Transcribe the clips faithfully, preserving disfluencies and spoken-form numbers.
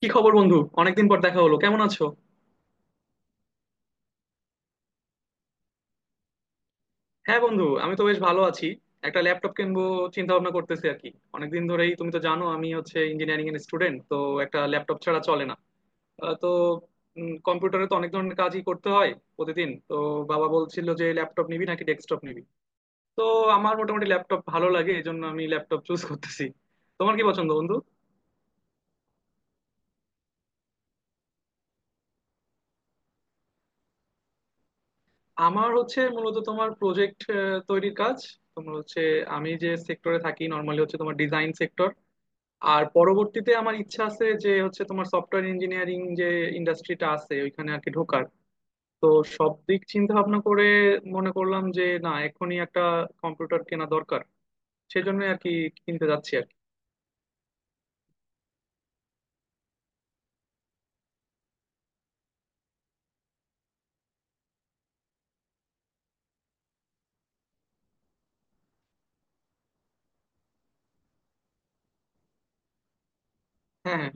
কি খবর বন্ধু? অনেকদিন পর দেখা হলো, কেমন আছো? হ্যাঁ বন্ধু, আমি তো বেশ ভালো আছি। একটা ল্যাপটপ কিনবো, চিন্তা ভাবনা করতেছি আর কি। অনেকদিন ধরেই তুমি তো জানো, আমি হচ্ছে ইঞ্জিনিয়ারিং এর স্টুডেন্ট, তো একটা ল্যাপটপ ছাড়া চলে না। আহ, তো কম্পিউটারে তো অনেক ধরনের কাজই করতে হয় প্রতিদিন তো। বাবা বলছিল যে ল্যাপটপ নিবি নাকি ডেস্কটপ নিবি। তো আমার মোটামুটি ল্যাপটপ ভালো লাগে, এই জন্য আমি ল্যাপটপ চুজ করতেছি। তোমার কি পছন্দ বন্ধু? আমার হচ্ছে মূলত তোমার প্রজেক্ট তৈরির কাজ। তোমার হচ্ছে, আমি যে সেক্টরে থাকি নর্মালি হচ্ছে তোমার ডিজাইন সেক্টর। আর পরবর্তীতে আমার ইচ্ছা আছে যে হচ্ছে তোমার সফটওয়্যার ইঞ্জিনিয়ারিং যে ইন্ডাস্ট্রিটা আছে ওইখানে আর কি ঢোকার। তো সব দিক চিন্তা ভাবনা করে মনে করলাম যে না এখনই একটা কম্পিউটার কেনা দরকার, সেজন্য আর কি কিনতে যাচ্ছি আর কি। হ্যাঁ, হ্যাঁ।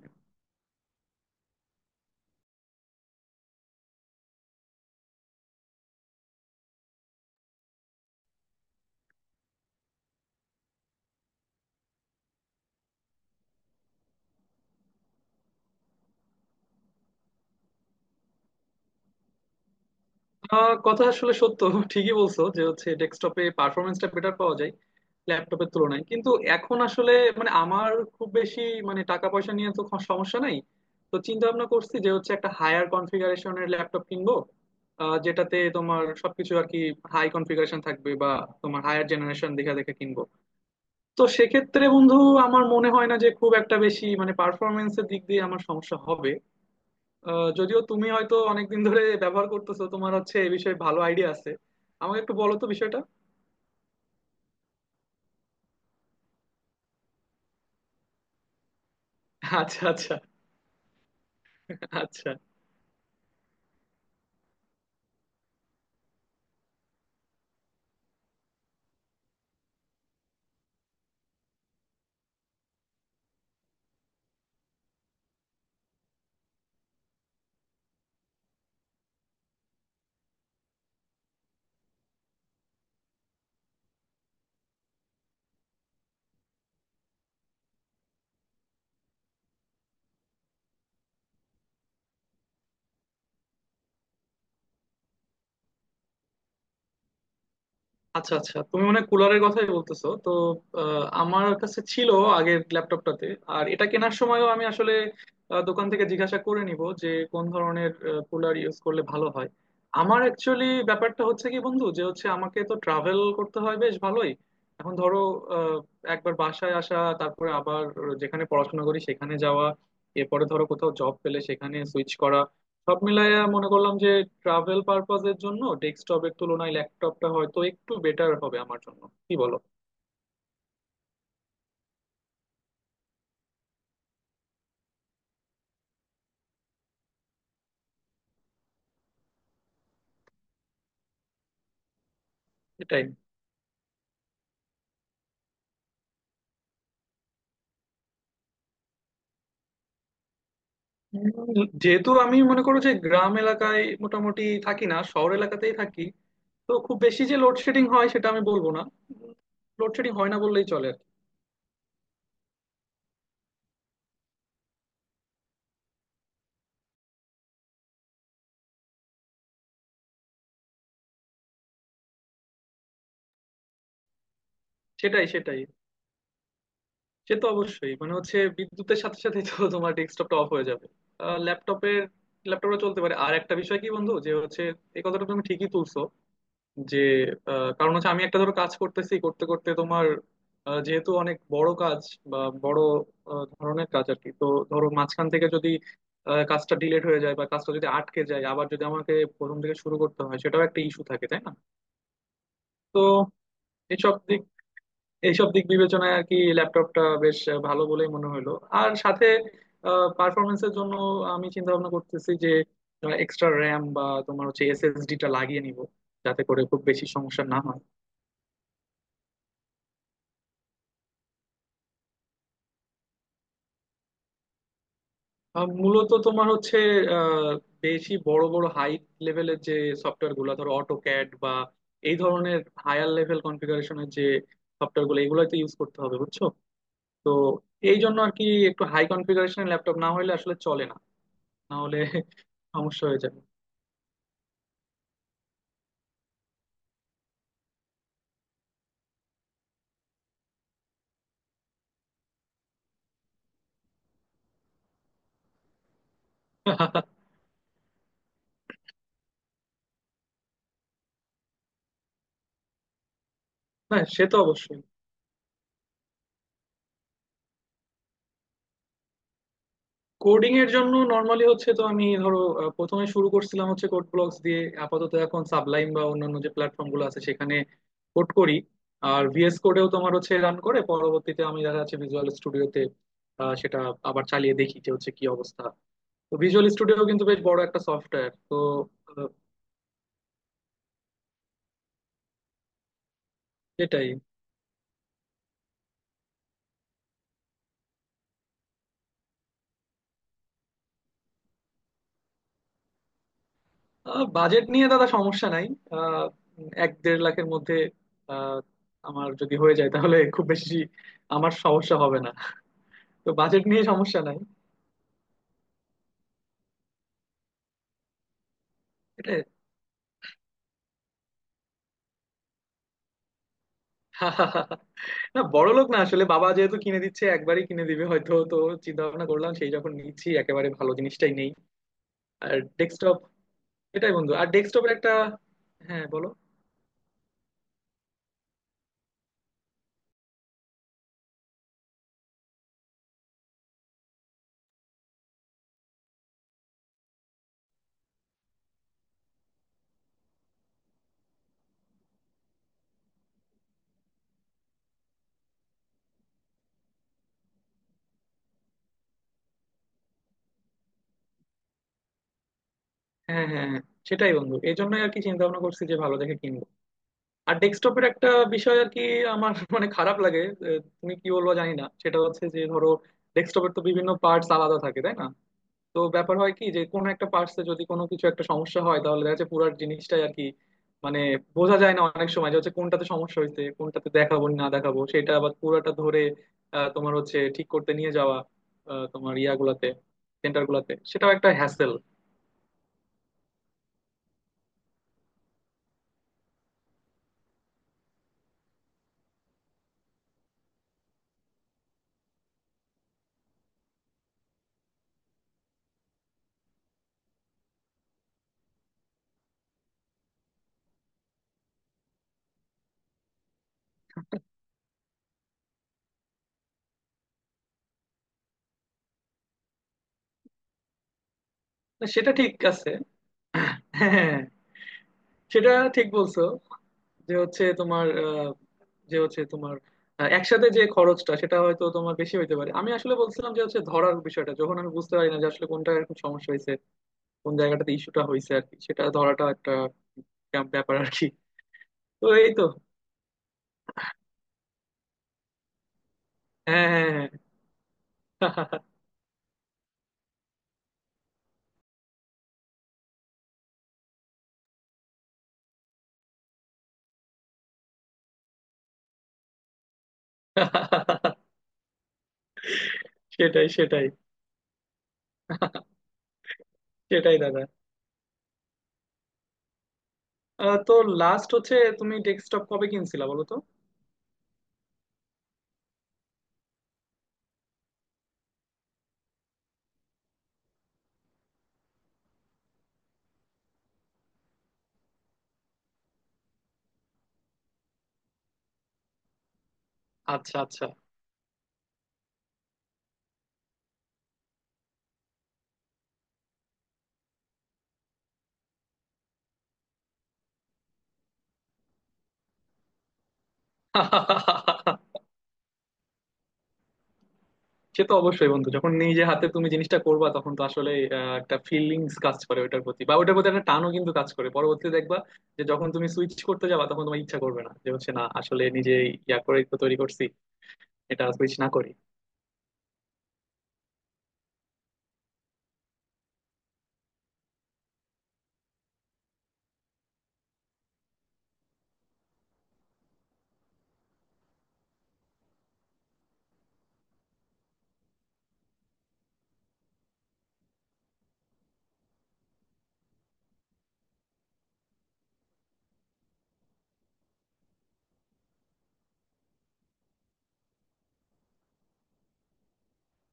আহ, কথা আসলে সত্য। ঠিকই বলছো যে হচ্ছে ডেস্কটপে পারফরমেন্সটা বেটার পাওয়া যায় ল্যাপটপের তুলনায়, কিন্তু এখন আসলে মানে আমার খুব বেশি মানে টাকা পয়সা নিয়ে তো খ- সমস্যা নাই। তো চিন্তা ভাবনা করছি যে হচ্ছে একটা হায়ার কনফিগারেশনের ল্যাপটপ কিনবো। আহ, যেটাতে তোমার সবকিছু আর কি হাই কনফিগারেশন থাকবে, বা তোমার হায়ার জেনারেশন দেখে দেখে কিনবো। তো সেক্ষেত্রে বন্ধু, আমার মনে হয় না যে খুব একটা বেশি মানে পারফরমেন্সের দিক দিয়ে আমার সমস্যা হবে। আহ, যদিও তুমি হয়তো অনেকদিন ধরে ব্যবহার করতেছো, তোমার হচ্ছে এই বিষয়ে ভালো আইডিয়া আছে। আমাকে একটু বলো তো বিষয়টা। আচ্ছা, আচ্ছা। আচ্ছা, আচ্ছা। আচ্ছা, তুমি মানে কুলারের কথাই বলতেছো তো? আহ, আমার কাছে ছিল আগের ল্যাপটপটাতে, আর এটা কেনার সময়ও আমি আসলে আহ, দোকান থেকে জিজ্ঞাসা করে নিব যে কোন ধরনের কুলার ইউজ করলে ভালো হয়। আমার অ্যাকচুয়ালি ব্যাপারটা হচ্ছে কি বন্ধু, যে হচ্ছে আমাকে তো ট্রাভেল করতে হয় বেশ ভালোই। এখন ধরো, আহ, একবার বাসায় আসা, তারপরে আবার যেখানে পড়াশোনা করি সেখানে যাওয়া, এরপরে ধরো কোথাও জব পেলে সেখানে সুইচ করা। সব মিলাইয়া মনে করলাম যে ট্রাভেল পারপাজের জন্য ডেস্কটপের তুলনায় ল্যাপটপটা হয়তো একটু বেটার হবে আমার জন্য, কি বলো? এটাই। উম, যেহেতু আমি মনে করো যে গ্রাম এলাকায় মোটামুটি থাকি না, শহর এলাকাতেই থাকি। তো খুব বেশি যে লোডশেডিং হয় সেটা আমি বলবো না। লোডশেডিং হয় না বললেই চলে আর কি। সেটাই, সেটাই। সে তো অবশ্যই, মানে হচ্ছে বিদ্যুতের সাথে সাথে তো তোমার ডেস্কটপটা অফ হয়ে যাবে, ল্যাপটপের ল্যাপটপটা চলতে পারে। আর একটা বিষয় কি বন্ধু, যে হচ্ছে এই কথাটা তুমি ঠিকই তুলছো। যে আহ, কারণ হচ্ছে আমি একটা ধরো কাজ করতেছি, করতে করতে তোমার আহ, যেহেতু অনেক বড় কাজ বা বড় আহ, ধরনের কাজ আর কি, তো ধরো মাঝখান থেকে যদি আহ, কাজটা ডিলেট হয়ে যায় বা কাজটা যদি আটকে যায়, আবার যদি আমাকে প্রথম থেকে শুরু করতে হয় সেটাও একটা ইস্যু থাকে, তাই না? তো এইসব দিক এইসব দিক বিবেচনায় আর কি ল্যাপটপটা বেশ আহ, ভালো বলেই মনে হলো। আর সাথে পারফরমেন্সের জন্য আমি চিন্তা ভাবনা করতেছি যে এক্সট্রা র্যাম বা তোমার হচ্ছে এসএসডিটা লাগিয়ে নিব, যাতে করে খুব বেশি সমস্যা না হয়। আহ, মূলত তোমার হচ্ছে আহ, বেশি বড় বড় হাই লেভেলের যে সফটওয়্যার গুলো ধরো অটোক্যাড বা এই ধরনের, হায়ার লেভেল কনফিগারেশনের যে সফটওয়্যার গুলো এগুলোতে ইউজ করতে হবে, বুঝছো? তো এই জন্য আর কি একটু হাই কনফিগারেশনের ল্যাপটপ না হলে আসলে চলে না। না হলে সমস্যা হয়ে যাবে। হ্যাঁ, সে তো অবশ্যই। কোডিং এর জন্য নর্মালি হচ্ছে তো আমি ধরো আহ, প্রথমে শুরু করছিলাম হচ্ছে কোড ব্লকস দিয়ে, আপাতত এখন সাবলাইম বা অন্যান্য যে প্ল্যাটফর্ম গুলো আছে সেখানে কোড করি। আর ভিএস কোডেও তোমার হচ্ছে রান করে, পরবর্তীতে আমি দেখা যাচ্ছে ভিজুয়াল স্টুডিওতে সেটা আবার চালিয়ে দেখি যে হচ্ছে কি অবস্থা। তো ভিজুয়াল স্টুডিও কিন্তু বেশ বড় একটা সফটওয়্যার তো। আহ, এটাই। বাজেট নিয়ে দাদা সমস্যা নাই। আহ, এক দেড় লাখের মধ্যে আহ, আমার যদি হয়ে যায় তাহলে খুব বেশি আমার সমস্যা হবে না। তো বাজেট নিয়ে সমস্যা নাই। এটা। না, বড় লোক না, আসলে বাবা যেহেতু কিনে দিচ্ছে একবারই কিনে দিবে হয়তো, তো চিন্তা ভাবনা করলাম সেই যখন নিচ্ছি একেবারে ভালো জিনিসটাই নেই। আর ডেস্কটপ এটাই বন্ধু, আর ডেস্কটপের একটা। হ্যাঁ, বলো। হ্যাঁ, হ্যাঁ, হ্যাঁ। সেটাই বন্ধু, এই জন্যই আর কি চিন্তা ভাবনা করছি যে ভালো দেখে কিনবো। আর ডেস্কটপের একটা বিষয় আর কি, আমার মানে খারাপ লাগে। আহ, তুমি কি বলবো জানি না, সেটা হচ্ছে যে ধরো ডেস্কটপের তো বিভিন্ন পার্টস আলাদা থাকে, তাই না? তো ব্যাপার হয় কি, যে কোনো একটা পার্টসে যদি কোনো কিছু একটা সমস্যা হয় তাহলে দেখা যাচ্ছে পুরো জিনিসটাই আর কি, মানে বোঝা যায় না অনেক সময় যে হচ্ছে কোনটাতে সমস্যা হয়েছে কোনটাতে দেখাবো না দেখাবো, সেটা আবার পুরোটা ধরে আহ, তোমার হচ্ছে ঠিক করতে নিয়ে যাওয়া আহ, তোমার ইয়াগুলাতে, সেন্টার গুলাতে, সেটাও একটা হ্যাসেল। সেটা ঠিক আছে। হ্যাঁ, সেটা ঠিক বলছো। যে হচ্ছে তোমার আহ, যে হচ্ছে তোমার আহ, একসাথে যে খরচটা সেটা হয়তো তোমার বেশি হইতে পারে। আমি আসলে বলছিলাম যে হচ্ছে ধরার বিষয়টা, যখন আমি বুঝতে পারি না যে আসলে কোনটা এখন সমস্যা হয়েছে, কোন জায়গাটাতে ইস্যুটা হয়েছে আর কি, সেটা ধরাটা একটা ব্যাপ- ব্যাপার আর কি। তো এই তো। হ্যাঁ, হ্যাঁ, হ্যাঁ। হ্যাঁ। সেটাই, সেটাই। সেটাই দাদা। আহ, তো লাস্ট হচ্ছে, তুমি ডেস্কটপ কবে কিনছিলা বলো তো? আচ্ছা, আচ্ছা। সে তো অবশ্যই বন্ধু, যখন নিজে হাতে তুমি জিনিসটা করবা তখন তো আসলে আহ, একটা ফিলিংস কাজ করে ওটার প্রতি, বা ওটার প্রতি একটা টানও কিন্তু কাজ করে। পরবর্তীতে দেখবা, যে যখন তুমি সুইচ করতে যাবা তখন তোমার ইচ্ছা করবে না যে হচ্ছে না, আসলে নিজে ইয়া করে তো তৈরি করছি, এটা সুইচ না করি।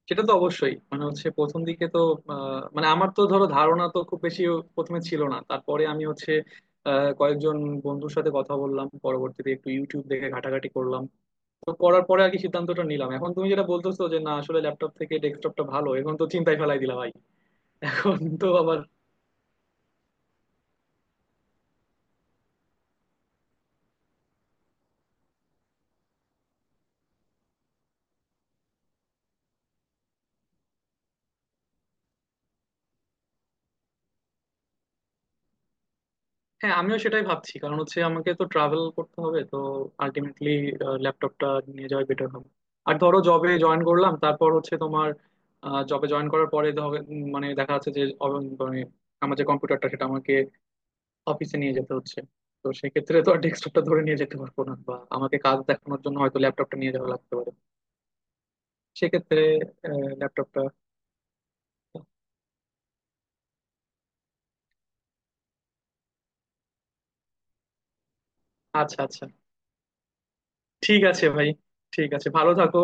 সেটা তো অবশ্যই, মানে হচ্ছে প্রথম দিকে তো আহ, মানে আমার তো ধরো ধারণা তো খুব বেশি প্রথমে ছিল না, তারপরে আমি হচ্ছে আহ, কয়েকজন বন্ধুর সাথে কথা বললাম, পরবর্তীতে একটু ইউটিউব দেখে ঘাটাঘাটি করলাম। তো করার পরে আর কি সিদ্ধান্তটা নিলাম। এখন তুমি যেটা বলতেছো যে না আসলে ল্যাপটপ থেকে ডেস্কটপটা ভালো, এখন তো চিন্তায় ফেলাই দিলা ভাই। এখন তো আবার। হ্যাঁ, আমিও সেটাই ভাবছি, কারণ হচ্ছে আমাকে তো ট্রাভেল করতে হবে, তো আলটিমেটলি ল্যাপটপটা নিয়ে যাওয়াই বেটার হবে। আর ধরো জবে জয়েন করলাম, তারপর হচ্ছে তোমার জবে জয়েন করার পরে ধর উম, মানে দেখা যাচ্ছে যে অব- মানে আমার যে কম্পিউটারটা সেটা আমাকে অফিসে নিয়ে যেতে হচ্ছে। তো সেক্ষেত্রে তো আর ডেস্কটপটা ধরে নিয়ে যেতে পারবো না, বা আমাকে কাজ দেখানোর জন্য হয়তো ল্যাপটপটা নিয়ে যাওয়া লাগতে পারে। সেক্ষেত্রে ল্যাপটপটা। আচ্ছা, আচ্ছা। ঠিক আছে ভাই। ঠিক আছে, ভালো থাকো।